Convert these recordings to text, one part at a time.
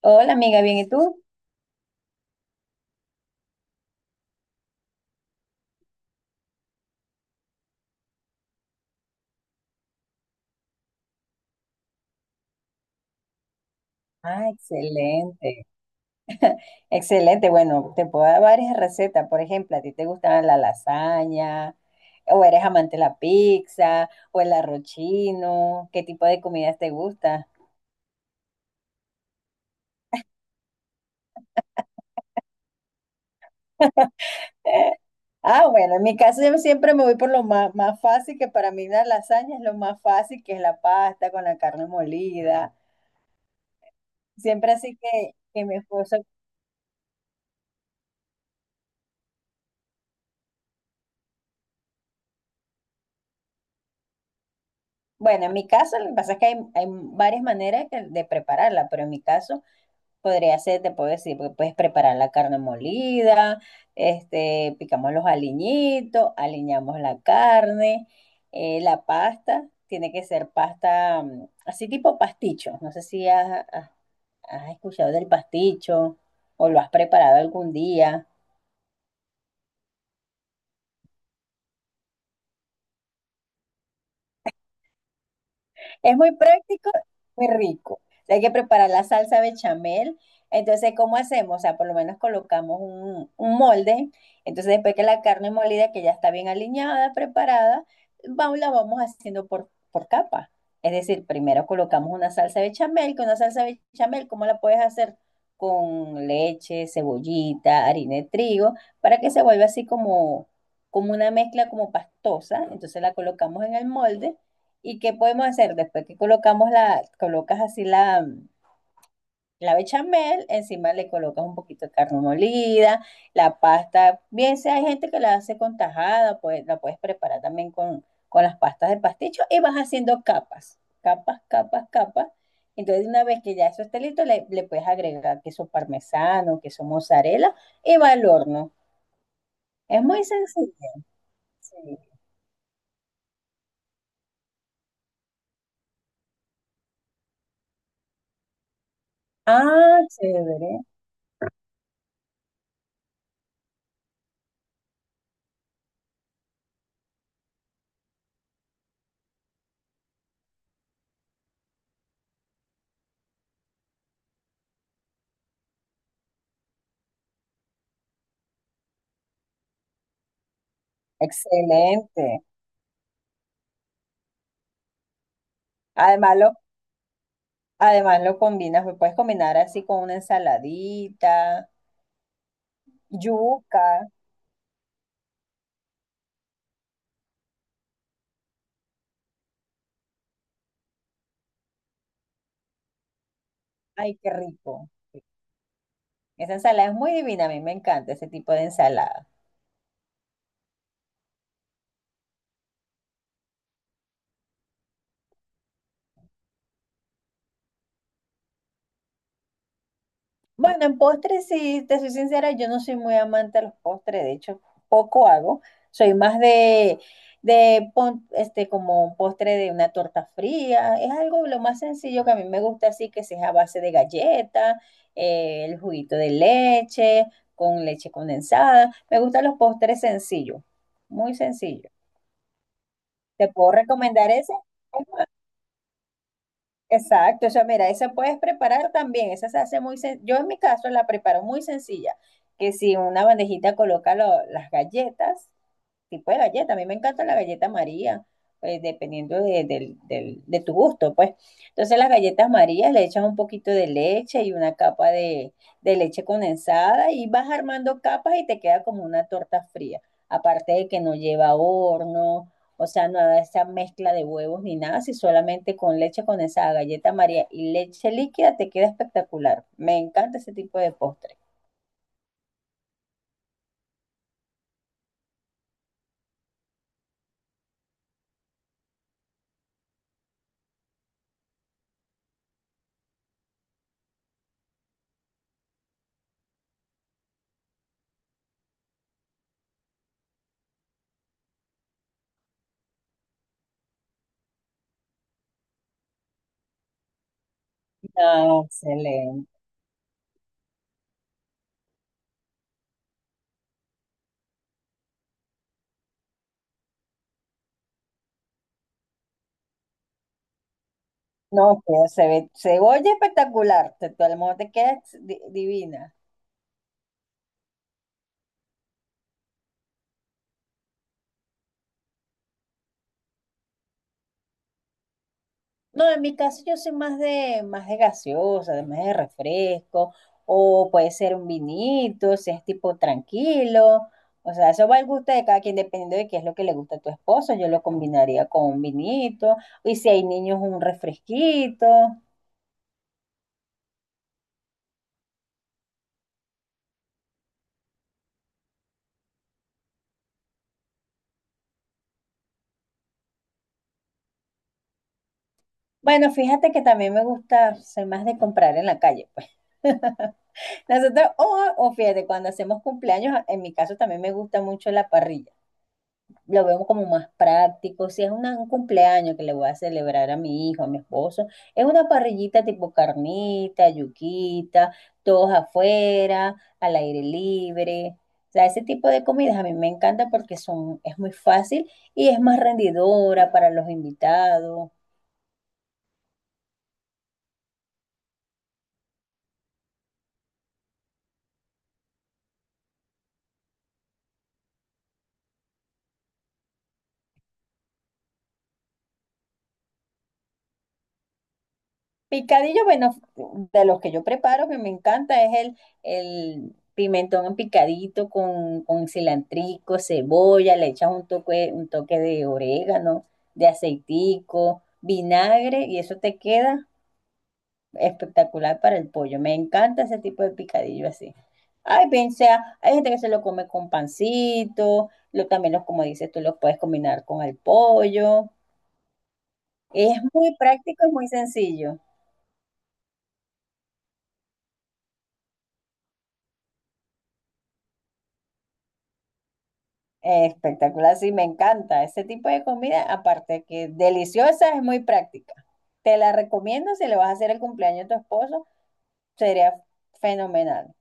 Hola amiga, ¿bien y tú? Ah, excelente. Excelente, bueno, te puedo dar varias recetas. Por ejemplo, ¿a ti te gusta la lasaña? ¿O eres amante de la pizza? ¿O el arroz chino? ¿Qué tipo de comidas te gusta? Ah, bueno, en mi caso yo siempre me voy por lo más, más fácil, que para mí la lasaña es lo más fácil, que es la pasta con la carne molida. Siempre así que mi esposo, bueno, en mi caso lo que pasa es que hay varias maneras de prepararla, pero en mi caso podría ser, te puedo decir, porque puedes preparar la carne molida, este, picamos los aliñitos, aliñamos la carne, la pasta, tiene que ser pasta así tipo pasticho. No sé si has escuchado del pasticho o lo has preparado algún día. Es muy práctico, muy rico. Hay que preparar la salsa bechamel. Entonces, ¿cómo hacemos? O sea, por lo menos colocamos un molde. Entonces, después que la carne molida, que ya está bien aliñada, preparada, vamos, la vamos haciendo por capa. Es decir, primero colocamos una salsa bechamel, que una salsa bechamel, ¿cómo la puedes hacer? Con leche, cebollita, harina de trigo, para que se vuelva así como, como una mezcla como pastosa. Entonces la colocamos en el molde. ¿Y qué podemos hacer después que colocamos colocas así la bechamel? Encima le colocas un poquito de carne molida, la pasta, bien sea, hay gente que la hace con tajada, pues la puedes preparar también con las pastas de pasticho y vas haciendo capas, capas, capas, capas. Entonces, una vez que ya eso esté listo, le puedes agregar queso parmesano, queso mozzarella y va al horno. Es muy sencillo. Sí. Ah, chévere. Excelente. Además, Además lo combinas, lo puedes combinar así con una ensaladita, yuca. Ay, qué rico. Esa ensalada es muy divina, a mí me encanta ese tipo de ensalada. Bueno, en postres, sí, te soy sincera, yo no soy muy amante de los postres, de hecho, poco hago. Soy más de, como un postre de una torta fría. Es algo lo más sencillo que a mí me gusta, así que sea a base de galleta, el juguito de leche, con leche condensada. Me gustan los postres sencillos, muy sencillos. ¿Te puedo recomendar ese? Exacto, o sea, mira, esa puedes preparar también, esa se hace muy yo en mi caso la preparo muy sencilla, que si en una bandejita coloca las galletas, tipo de galleta. A mí me encanta la galleta María, pues, dependiendo de tu gusto, pues. Entonces las galletas María le echas un poquito de leche y una capa de leche condensada y vas armando capas y te queda como una torta fría. Aparte de que no lleva horno, o sea, no da esa mezcla de huevos ni nada, si solamente con leche condensada, galleta María y leche líquida te queda espectacular. Me encanta ese tipo de postre. No, excelente. No, se ve, se oye espectacular, te, todo el mundo te queda divina. No, en mi caso yo soy más de gaseosa, de más de refresco, o puede ser un vinito, si es tipo tranquilo. O sea, eso va al gusto de cada quien, dependiendo de qué es lo que le gusta a tu esposo. Yo lo combinaría con un vinito, y si hay niños, un refresquito. Bueno, fíjate que también me gusta, soy más de comprar en la calle, pues. Nosotros, o fíjate, cuando hacemos cumpleaños, en mi caso también me gusta mucho la parrilla. Lo veo como más práctico. Si es un cumpleaños que le voy a celebrar a mi hijo, a mi esposo, es una parrillita tipo carnita, yuquita, todos afuera, al aire libre. O sea, ese tipo de comidas a mí me encanta porque son, es muy fácil y es más rendidora para los invitados. Picadillo, bueno, de los que yo preparo, que me encanta, es el pimentón picadito con cilantrico, cebolla, le echas un toque de orégano, de aceitico, vinagre, y eso te queda espectacular para el pollo. Me encanta ese tipo de picadillo así. Ay, bien sea, hay gente que se lo come con pancito, lo, también los, como dices tú, los puedes combinar con el pollo. Es muy práctico y muy sencillo. Espectacular, sí, me encanta. Ese tipo de comida, aparte que deliciosa, es muy práctica. Te la recomiendo si le vas a hacer el cumpleaños a tu esposo, sería fenomenal.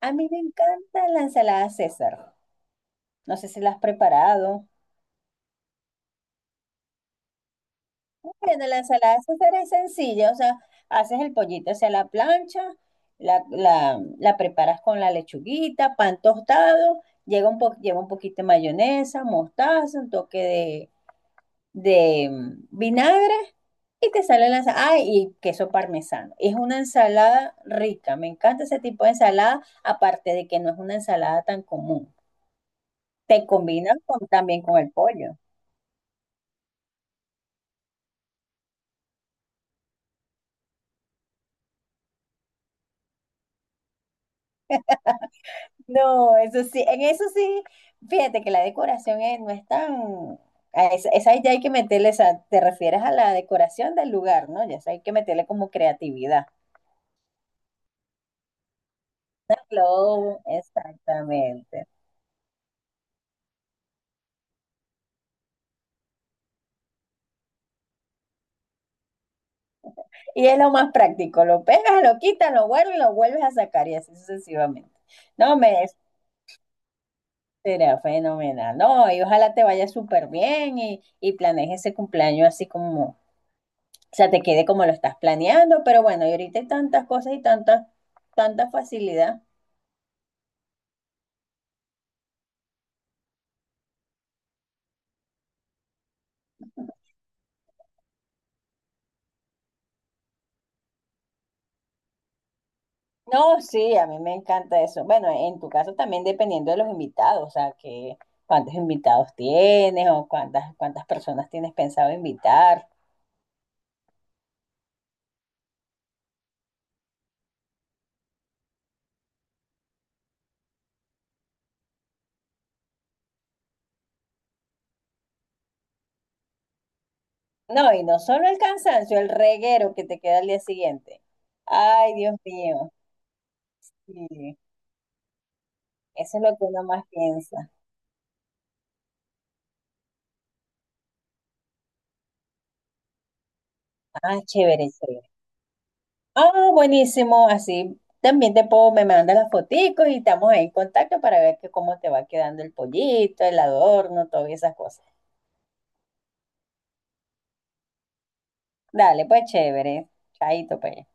A mí me encanta la ensalada César. No sé si la has preparado. Bueno, la ensalada César es sencilla, o sea, haces el pollito hacia la plancha, la preparas con la lechuguita, pan tostado, lleva un poquito de mayonesa, mostaza, un toque de vinagre y te sale la ensalada. Ah, y queso parmesano. Es una ensalada rica. Me encanta ese tipo de ensalada, aparte de que no es una ensalada tan común. Te combina también con el pollo. No, eso sí, en eso sí, fíjate que no es tan... a esa, esa ya hay que meterle, esa, te refieres a la decoración del lugar, ¿no? Ya esa hay que meterle como creatividad. Claro, exactamente. Y es lo más práctico, lo pegas, lo quitas, lo vuelves a sacar y así sucesivamente. No, me será fenomenal, ¿no? Y ojalá te vaya súper bien y planees ese cumpleaños así como, o sea, te quede como lo estás planeando, pero bueno, y ahorita hay tantas cosas y tanta facilidad. No, sí, a mí me encanta eso. Bueno, en tu caso también dependiendo de los invitados, o sea, que cuántos invitados tienes o cuántas personas tienes pensado invitar. No, y no solo el cansancio, el reguero que te queda al día siguiente. Ay, Dios mío. Sí, eso es lo que uno más piensa. Ah, chévere, chévere. Ah, buenísimo. Así también te puedo, me mandas las foticos y estamos ahí en contacto para ver que cómo te va quedando el pollito, el adorno, todas esas cosas. Dale, pues chévere. Chaito, pues.